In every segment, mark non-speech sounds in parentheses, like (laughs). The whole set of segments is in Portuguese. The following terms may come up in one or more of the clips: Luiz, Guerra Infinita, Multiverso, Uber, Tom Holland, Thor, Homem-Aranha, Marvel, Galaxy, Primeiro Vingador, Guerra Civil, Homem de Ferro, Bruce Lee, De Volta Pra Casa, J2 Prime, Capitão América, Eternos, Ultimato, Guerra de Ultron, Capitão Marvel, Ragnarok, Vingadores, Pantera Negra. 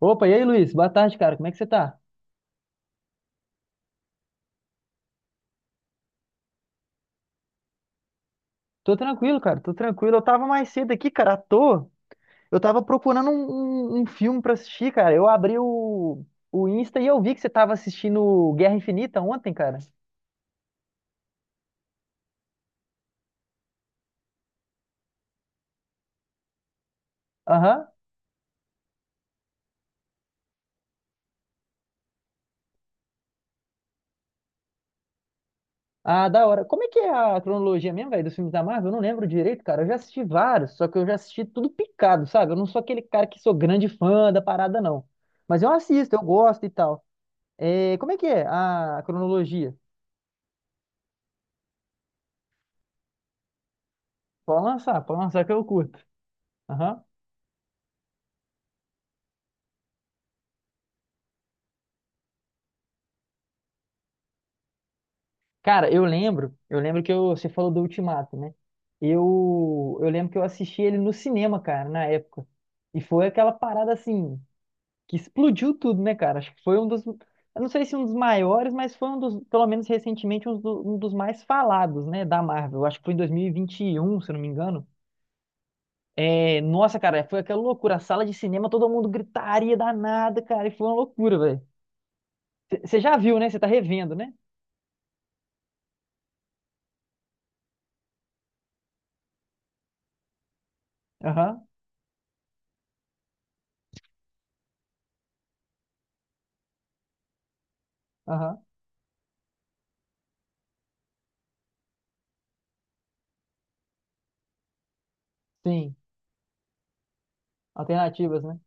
Opa, e aí, Luiz? Boa tarde, cara. Como é que você tá? Tô tranquilo, cara. Tô tranquilo. Eu tava mais cedo aqui, cara, à toa. Eu tava procurando um filme pra assistir, cara. Eu abri o Insta e eu vi que você tava assistindo Guerra Infinita ontem, cara. Aham. Ah, da hora. Como é que é a cronologia mesmo, velho, dos filmes da Marvel? Eu não lembro direito, cara. Eu já assisti vários, só que eu já assisti tudo picado, sabe? Eu não sou aquele cara que sou grande fã da parada, não. Mas eu assisto, eu gosto e tal. É, como é que é a cronologia? Pode lançar que eu curto. Aham. Cara, eu lembro que você falou do Ultimato, né? Eu lembro que eu assisti ele no cinema, cara, na época. E foi aquela parada assim, que explodiu tudo, né, cara? Acho que foi um dos, eu não sei se um dos maiores, mas foi um dos, pelo menos recentemente, um, um dos mais falados, né, da Marvel. Acho que foi em dois mil e vinte e um, se eu não me engano. É, nossa, cara, foi aquela loucura. A sala de cinema, todo mundo gritaria danada, cara, e foi uma loucura, velho. Você já viu, né? Você tá revendo, né? Aham, aham, sim. Alternativas, né?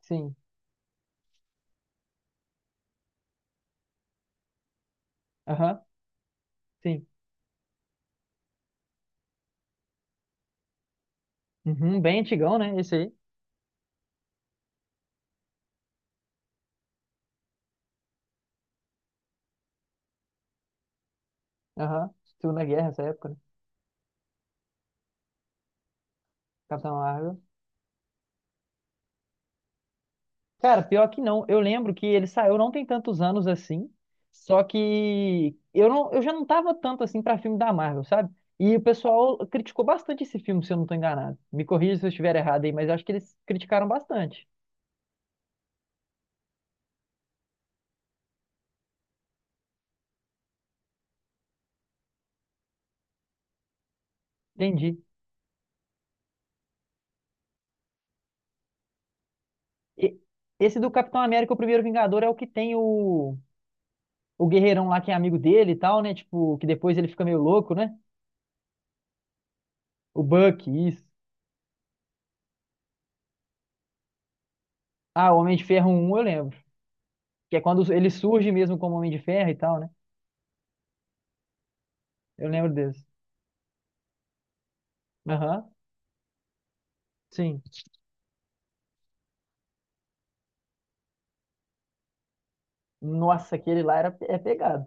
Sim. Aham, sim. Uhum, bem antigão, né? Esse aí. Aham. Segunda Guerra, essa época, né? Capitão Marvel. Cara, pior que não. Eu lembro que ele saiu não tem tantos anos assim. Só que eu não, eu já não tava tanto assim pra filme da Marvel, sabe? E o pessoal criticou bastante esse filme, se eu não tô enganado. Me corrija se eu estiver errado aí, mas acho que eles criticaram bastante. Entendi. E- Esse do Capitão América, o Primeiro Vingador, é o que tem o guerreirão lá que é amigo dele e tal, né? Tipo, que depois ele fica meio louco, né? O Buck, isso. Ah, o Homem de Ferro um, eu lembro. Que é quando ele surge mesmo como Homem de Ferro e tal, né? Eu lembro desse. Aham, sim. Nossa, aquele lá era, é pegado.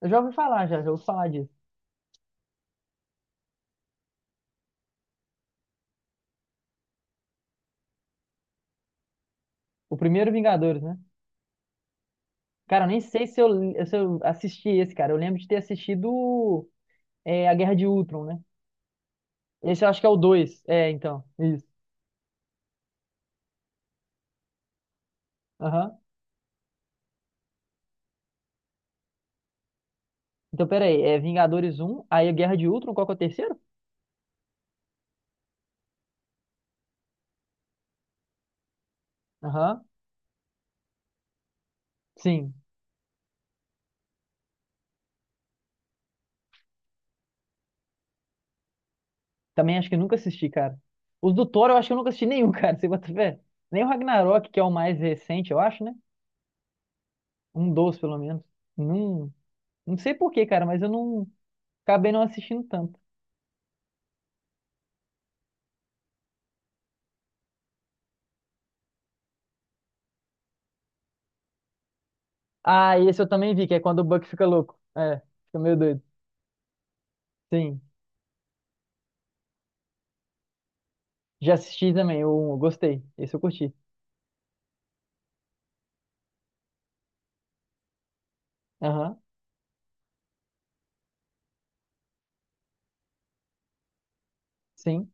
Eu já ouvi falar, já, já ouvi falar disso. O primeiro Vingadores, né? Cara, eu nem sei se eu assisti esse, cara. Eu lembro de ter assistido é, A Guerra de Ultron, né? Esse eu acho que é o 2. É, então, isso. Aham. Então, peraí, é Vingadores um, aí a Guerra de Ultron, qual que é o terceiro? Aham, sim. Também acho que nunca assisti, cara. Os do Thor eu acho que eu nunca assisti nenhum, (laughs) cara, você bota fé. Nem o Ragnarok, que é o mais recente, eu acho, né? Um dos, pelo menos. Não, não sei por quê, cara, mas eu não acabei não assistindo tanto. Ah, e esse eu também vi, que é quando o Buck fica louco. É, fica meio doido. Sim. Já assisti também, eu, gostei. Esse eu curti. Aham, sim.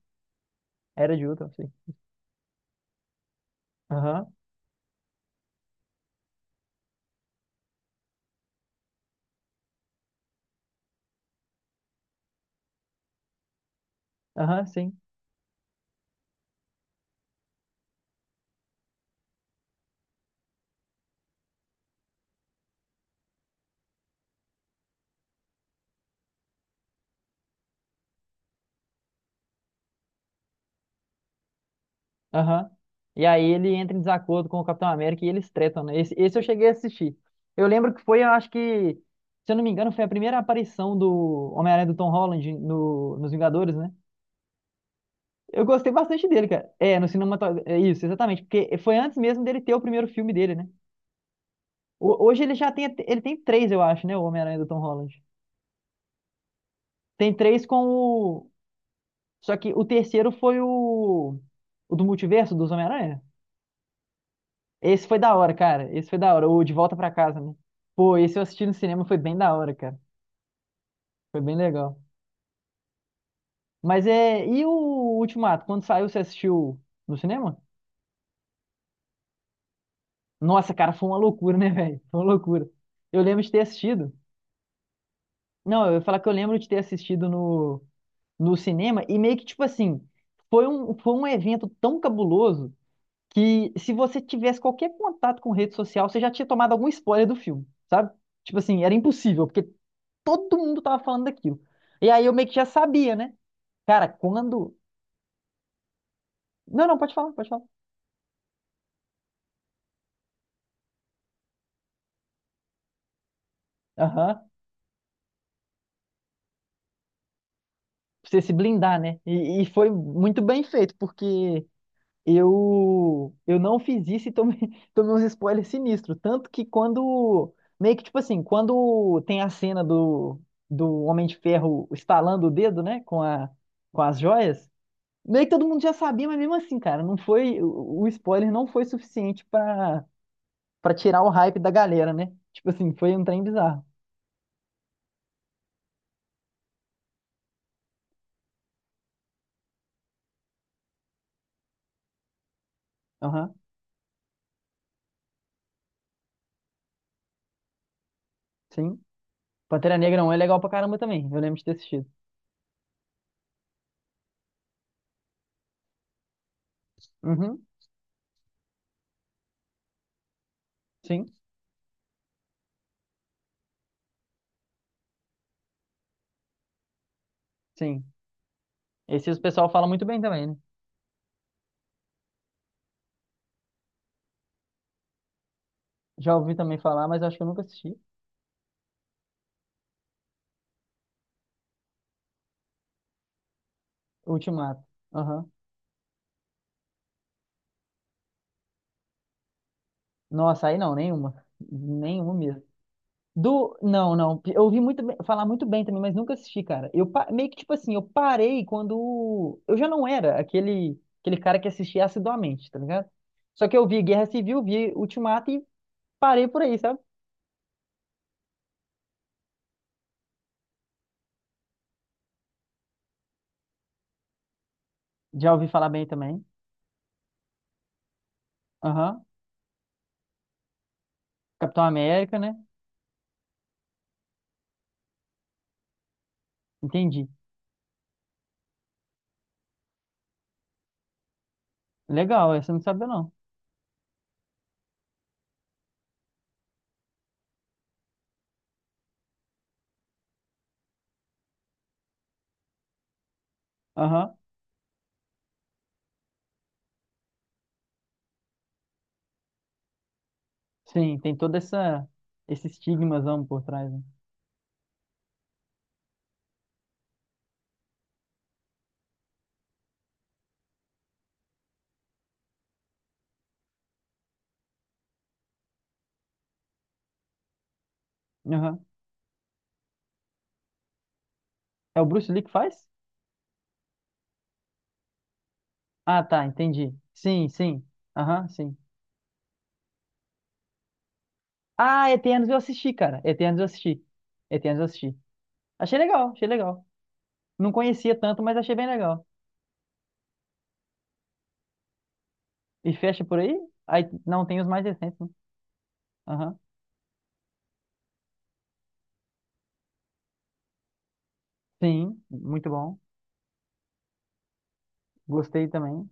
Era de Ultron, sim. Aham, aham, sim. Aham. E aí ele entra em desacordo com o Capitão América e eles tretam, né? Esse eu cheguei a assistir. Eu lembro que foi, eu acho que, se eu não me engano, foi a primeira aparição do Homem-Aranha do Tom Holland no, nos Vingadores, né? Eu gostei bastante dele, cara. É, no cinematográfico. É isso, exatamente. Porque foi antes mesmo dele ter o primeiro filme dele, né? Hoje ele já tem, ele tem três, eu acho, né? O Homem-Aranha do Tom Holland. Tem três com o. Só que o terceiro foi o. O do multiverso dos Homem-Aranha? Esse foi da hora, cara. Esse foi da hora. O De Volta Pra Casa, né? Pô, esse eu assisti no cinema, foi bem da hora, cara. Foi bem legal. Mas é. E o Ultimato? Quando saiu, você assistiu no cinema? Nossa, cara, foi uma loucura, (laughs) né, velho? Foi uma loucura. Eu lembro de ter assistido. Não, eu ia falar que eu lembro de ter assistido no, no cinema e meio que, tipo assim, foi um evento tão cabuloso que se você tivesse qualquer contato com rede social, você já tinha tomado algum spoiler do filme, sabe? Tipo assim, era impossível, porque todo mundo tava falando daquilo. E aí eu meio que já sabia, né? Cara, quando. Não, não, pode falar, pode falar. Aham. Pra você se blindar, né? E foi muito bem feito, porque eu não fiz isso e tomei, (laughs) tomei uns spoilers sinistros. Tanto que quando. Meio que tipo assim, quando tem a cena do, do Homem de Ferro estalando o dedo, né? Com a, com as joias. Meio que todo mundo já sabia, mas mesmo assim, cara, não foi. O spoiler não foi suficiente pra tirar o hype da galera, né? Tipo assim, foi um trem bizarro. Aham, sim. Pantera Negra 1 é legal pra caramba também. Eu lembro de ter assistido. Uhum, sim, sim. Esse o pessoal fala muito bem também, né? Já ouvi também falar, mas acho que eu nunca assisti. Ultimato. Aham. Nossa, aí não, nenhuma. Nenhuma mesmo. Do. Não, não. Eu ouvi muito falar muito bem também, mas nunca assisti, cara. Meio que, tipo assim, eu parei quando. Eu já não era aquele cara que assistia assiduamente, tá ligado? Só que eu vi Guerra Civil, vi Ultimato e parei por aí, sabe? Já ouvi falar bem também. Aham. Capitão América, né? Entendi. Legal, essa eu não sabia, não. Aham. Sim, tem todo essa, esse estigmazão por trás, né? Aham. É o Bruce Lee que faz? Ah, tá, entendi. Sim, sim. Aham, sim. Ah, Eternos eu assisti, cara. Eternos eu assisti. Eternos eu assisti. Achei legal, achei legal. Não conhecia tanto, mas achei bem legal. E fecha por aí? Aí não tem os mais recentes, né? Aham. Sim, muito bom. Gostei também.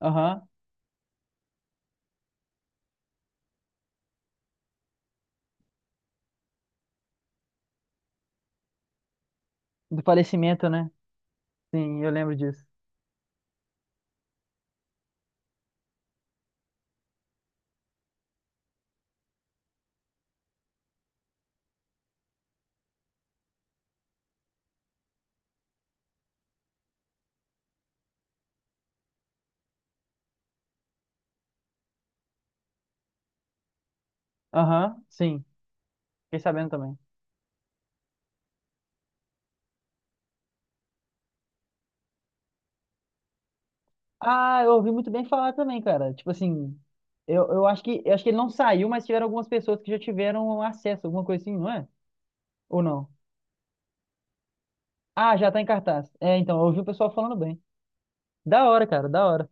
Aham. Do falecimento, né? Sim, eu lembro disso. Aham, sim. Fiquei sabendo também. Ah, eu ouvi muito bem falar também, cara. Tipo assim, eu acho que ele não saiu, mas tiveram algumas pessoas que já tiveram acesso, alguma coisa assim, não é? Ou não? Ah, já tá em cartaz. É, então, eu ouvi o pessoal falando bem. Da hora, cara, da hora.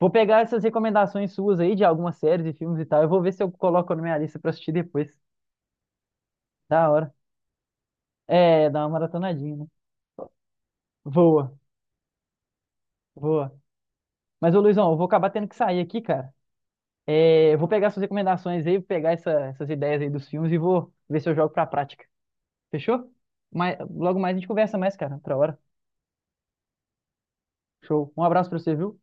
Vou pegar essas recomendações suas aí de algumas séries e filmes e tal. Eu vou ver se eu coloco na minha lista pra assistir depois. Da hora. É, dá uma maratonadinha, né? Boa, boa. Mas, ô Luizão, eu vou acabar tendo que sair aqui, cara. É, eu vou pegar suas recomendações aí, vou pegar essas ideias aí dos filmes e vou ver se eu jogo pra prática. Fechou? Mas, logo mais a gente conversa mais, cara. Outra hora. Show. Um abraço pra você, viu?